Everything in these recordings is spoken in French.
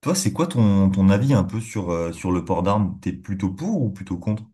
Toi, c'est quoi ton avis un peu sur, sur le port d'armes? T'es plutôt pour ou plutôt contre?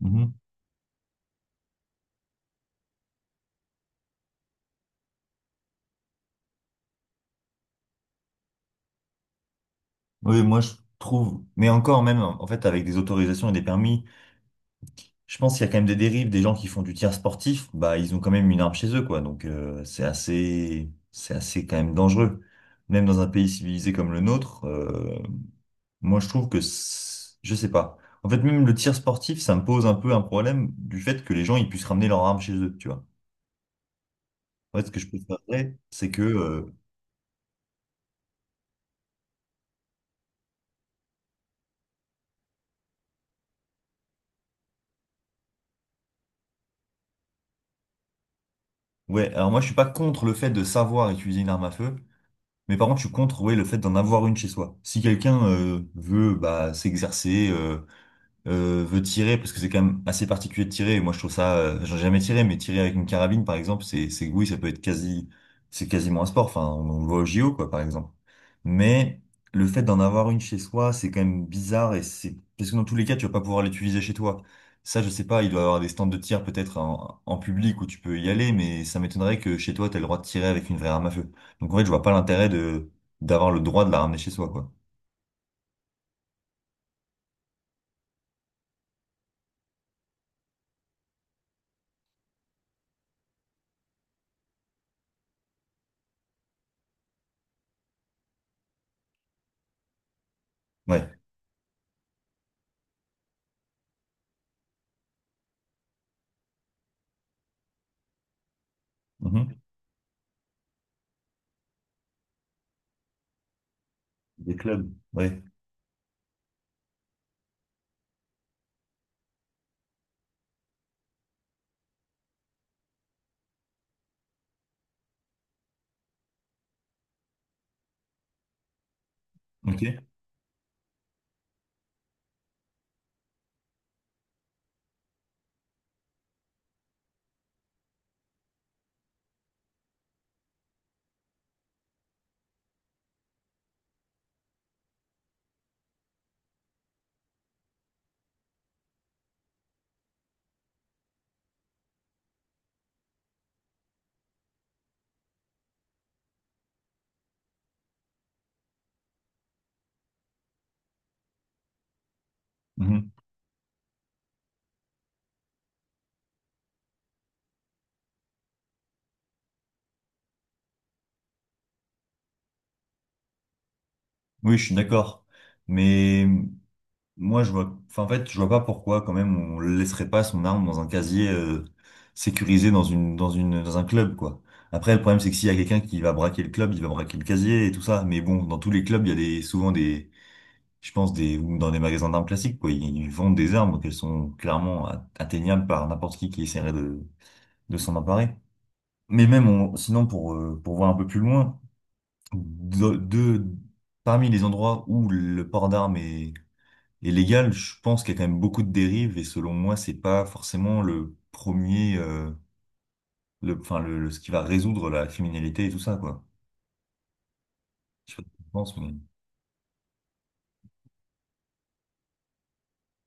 Mhm. Oui, moi je trouve, mais encore même, en fait, avec des autorisations et des permis, je pense qu'il y a quand même des dérives, des gens qui font du tir sportif, bah ils ont quand même une arme chez eux, quoi. Donc c'est assez quand même dangereux. Même dans un pays civilisé comme le nôtre, moi je trouve que, je sais pas. En fait, même le tir sportif, ça me pose un peu un problème du fait que les gens ils puissent ramener leur arme chez eux, tu vois. En fait, ce que je préférerais, c'est que Ouais, alors moi je suis pas contre le fait de savoir utiliser une arme à feu, mais par contre je suis contre ouais, le fait d'en avoir une chez soi. Si quelqu'un veut bah, s'exercer, veut tirer, parce que c'est quand même assez particulier de tirer, moi je trouve ça, j'en ai jamais tiré, mais tirer avec une carabine par exemple, c'est oui, ça peut être quasi, c'est quasiment un sport, enfin on le voit au JO quoi par exemple. Mais le fait d'en avoir une chez soi, c'est quand même bizarre et c'est, parce que dans tous les cas tu vas pas pouvoir l'utiliser chez toi. Ça je sais pas, il doit y avoir des stands de tir peut-être en, en public où tu peux y aller, mais ça m'étonnerait que chez toi t'aies le droit de tirer avec une vraie arme à feu. Donc en fait je vois pas l'intérêt de, d'avoir le droit de la ramener chez soi quoi. Ouais. Mhm. Des clubs. Ouais. Ok. Mhm. Oui, je suis d'accord. Mais moi, je vois, enfin, en fait, je vois pas pourquoi, quand même, on laisserait pas son arme dans un casier sécurisé dans une, dans une, dans un club, quoi. Après, le problème, c'est que s'il y a quelqu'un qui va braquer le club, il va braquer le casier et tout ça. Mais bon, dans tous les clubs, il y a des, souvent des, je pense, des, ou dans des magasins d'armes classiques, quoi. Ils vendent des armes qu'elles sont clairement atteignables par n'importe qui essaierait de s'en emparer. Mais même, sinon, pour voir un peu plus loin, de, de- parmi les endroits où le port d'armes est et légal, je pense qu'il y a quand même beaucoup de dérives et selon moi, c'est pas forcément le premier, le, enfin le, ce qui va résoudre la criminalité et tout ça quoi. Je sais pas ce que tu penses, mais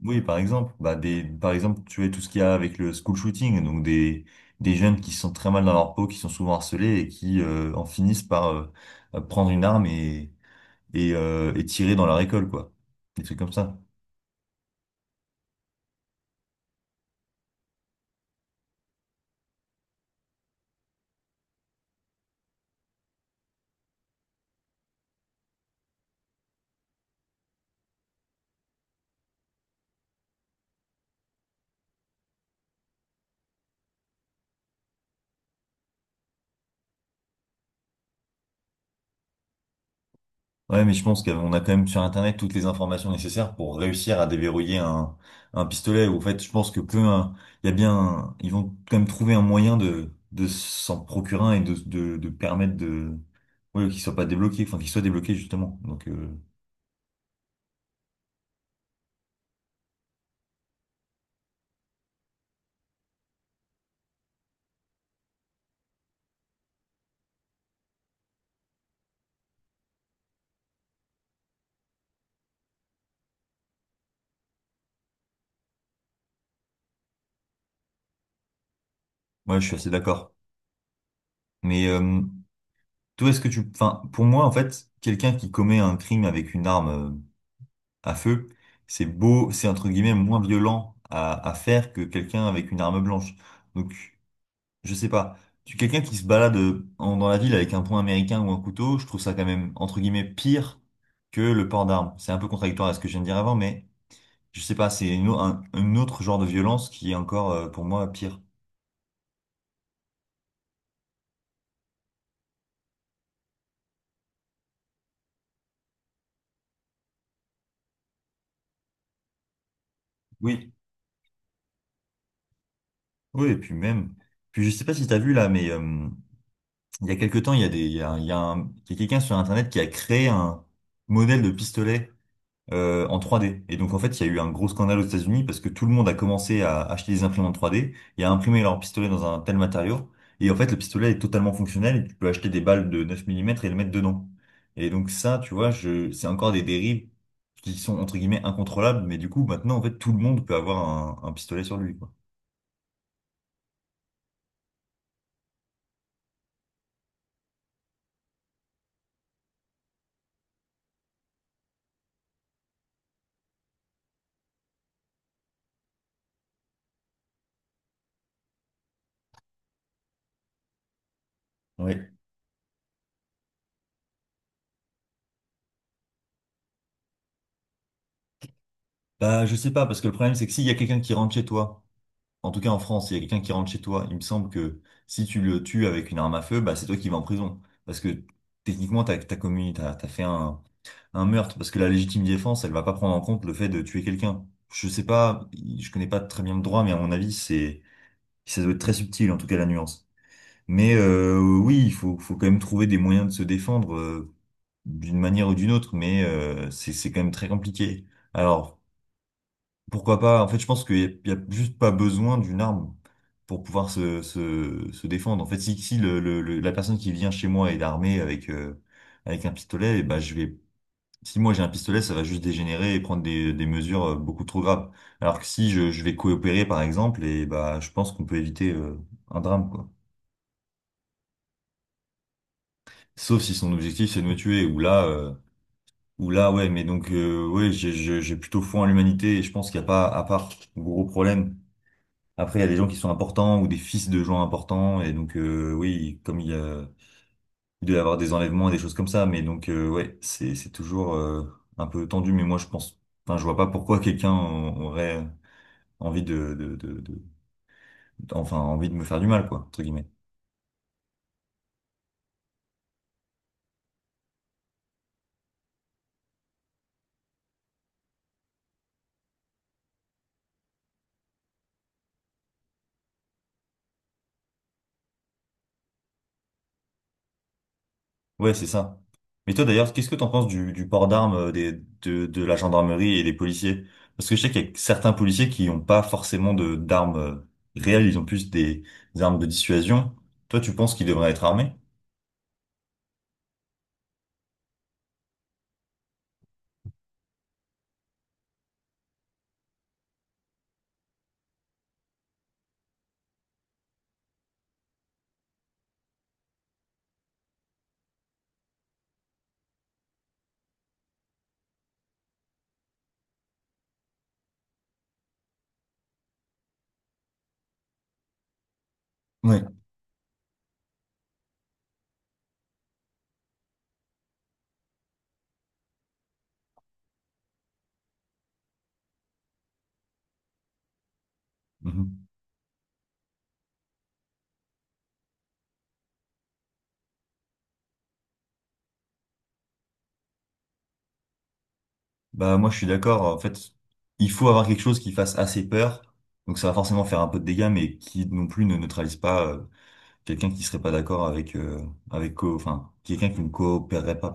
oui, par exemple, bah des, par exemple, tu vois tout ce qu'il y a avec le school shooting, donc des jeunes qui se sentent très mal dans leur peau, qui sont souvent harcelés et qui en finissent par prendre une arme et et tirer dans leur école quoi, des trucs comme ça. Ouais, mais je pense qu'on a quand même sur Internet toutes les informations nécessaires pour réussir à déverrouiller un pistolet. Ou en fait, je pense que peu, il y a bien, ils vont quand même trouver un moyen de s'en procurer un et de permettre de, ouais, qu'il soit pas débloqué, enfin, qu'il soit débloqué justement. Donc, ouais, je suis assez d'accord. Mais toi, est-ce que tu, enfin, pour moi, en fait, quelqu'un qui commet un crime avec une arme à feu, c'est beau, c'est entre guillemets moins violent à faire que quelqu'un avec une arme blanche. Donc je sais pas. Tu quelqu'un qui se balade dans la ville avec un poing américain ou un couteau, je trouve ça quand même, entre guillemets, pire que le port d'armes. C'est un peu contradictoire à ce que je viens de dire avant, mais je sais pas, c'est une, un autre genre de violence qui est encore, pour moi, pire. Oui, oui, et puis même, puis je sais pas si t'as vu là, mais il y a quelque temps, il y a des, il y a, il y a il y a quelqu'un sur Internet qui a créé un modèle de pistolet en 3D. Et donc en fait, il y a eu un gros scandale aux États-Unis parce que tout le monde a commencé à acheter des imprimantes 3D et à imprimer leur pistolet dans un tel matériau. Et en fait, le pistolet est totalement fonctionnel et tu peux acheter des balles de 9 mm et le mettre dedans. Et donc ça, tu vois, je, c'est encore des dérives qui sont entre guillemets incontrôlables, mais du coup, maintenant, en fait, tout le monde peut avoir un pistolet sur lui, quoi. Ouais. Bah, je sais pas, parce que le problème, c'est que s'il y a quelqu'un qui rentre chez toi, en tout cas, en France, s'il y a quelqu'un qui rentre chez toi, il me semble que si tu le tues avec une arme à feu, bah, c'est toi qui vas en prison. Parce que techniquement, t'as commis, t'as fait un meurtre. Parce que la légitime défense, elle va pas prendre en compte le fait de tuer quelqu'un. Je sais pas, je connais pas très bien le droit, mais à mon avis, c'est, ça doit être très subtil, en tout cas, la nuance. Mais oui, il faut, faut quand même trouver des moyens de se défendre d'une manière ou d'une autre, mais c'est quand même très compliqué. Alors, pourquoi pas? En fait, je pense qu'il n'y a, il y a juste pas besoin d'une arme pour pouvoir se, se, se défendre. En fait, si, si le, la personne qui vient chez moi est armée avec, avec un pistolet, eh ben, je vais, si moi j'ai un pistolet, ça va juste dégénérer et prendre des mesures beaucoup trop graves. Alors que si je, je vais coopérer, par exemple, et bah, je pense qu'on peut éviter un drame, quoi. Sauf si son objectif, c'est de me tuer, ou là, ouais, mais donc, ouais, j'ai plutôt foi en l'humanité et je pense qu'il n'y a pas, à part gros problème. Après, il y a des gens qui sont importants ou des fils de gens importants. Et donc, oui, comme il y a, il doit y avoir des enlèvements et des choses comme ça. Mais donc, ouais, c'est toujours un peu tendu. Mais moi, je pense, enfin, je vois pas pourquoi quelqu'un aurait envie de, enfin, envie de me faire du mal, quoi, entre guillemets. Ouais, c'est ça. Mais toi, d'ailleurs, qu'est-ce que t'en penses du port d'armes des, de la gendarmerie et des policiers? Parce que je sais qu'il y a certains policiers qui n'ont pas forcément de, d'armes réelles. Ils ont plus des armes de dissuasion. Toi, tu penses qu'ils devraient être armés? Ouais. Mhm. Bah moi je suis d'accord. En fait, il faut avoir quelque chose qui fasse assez peur. Donc ça va forcément faire un peu de dégâts, mais qui non plus ne neutralise pas quelqu'un qui serait pas d'accord avec avec co- enfin quelqu'un qui ne coopérerait pas.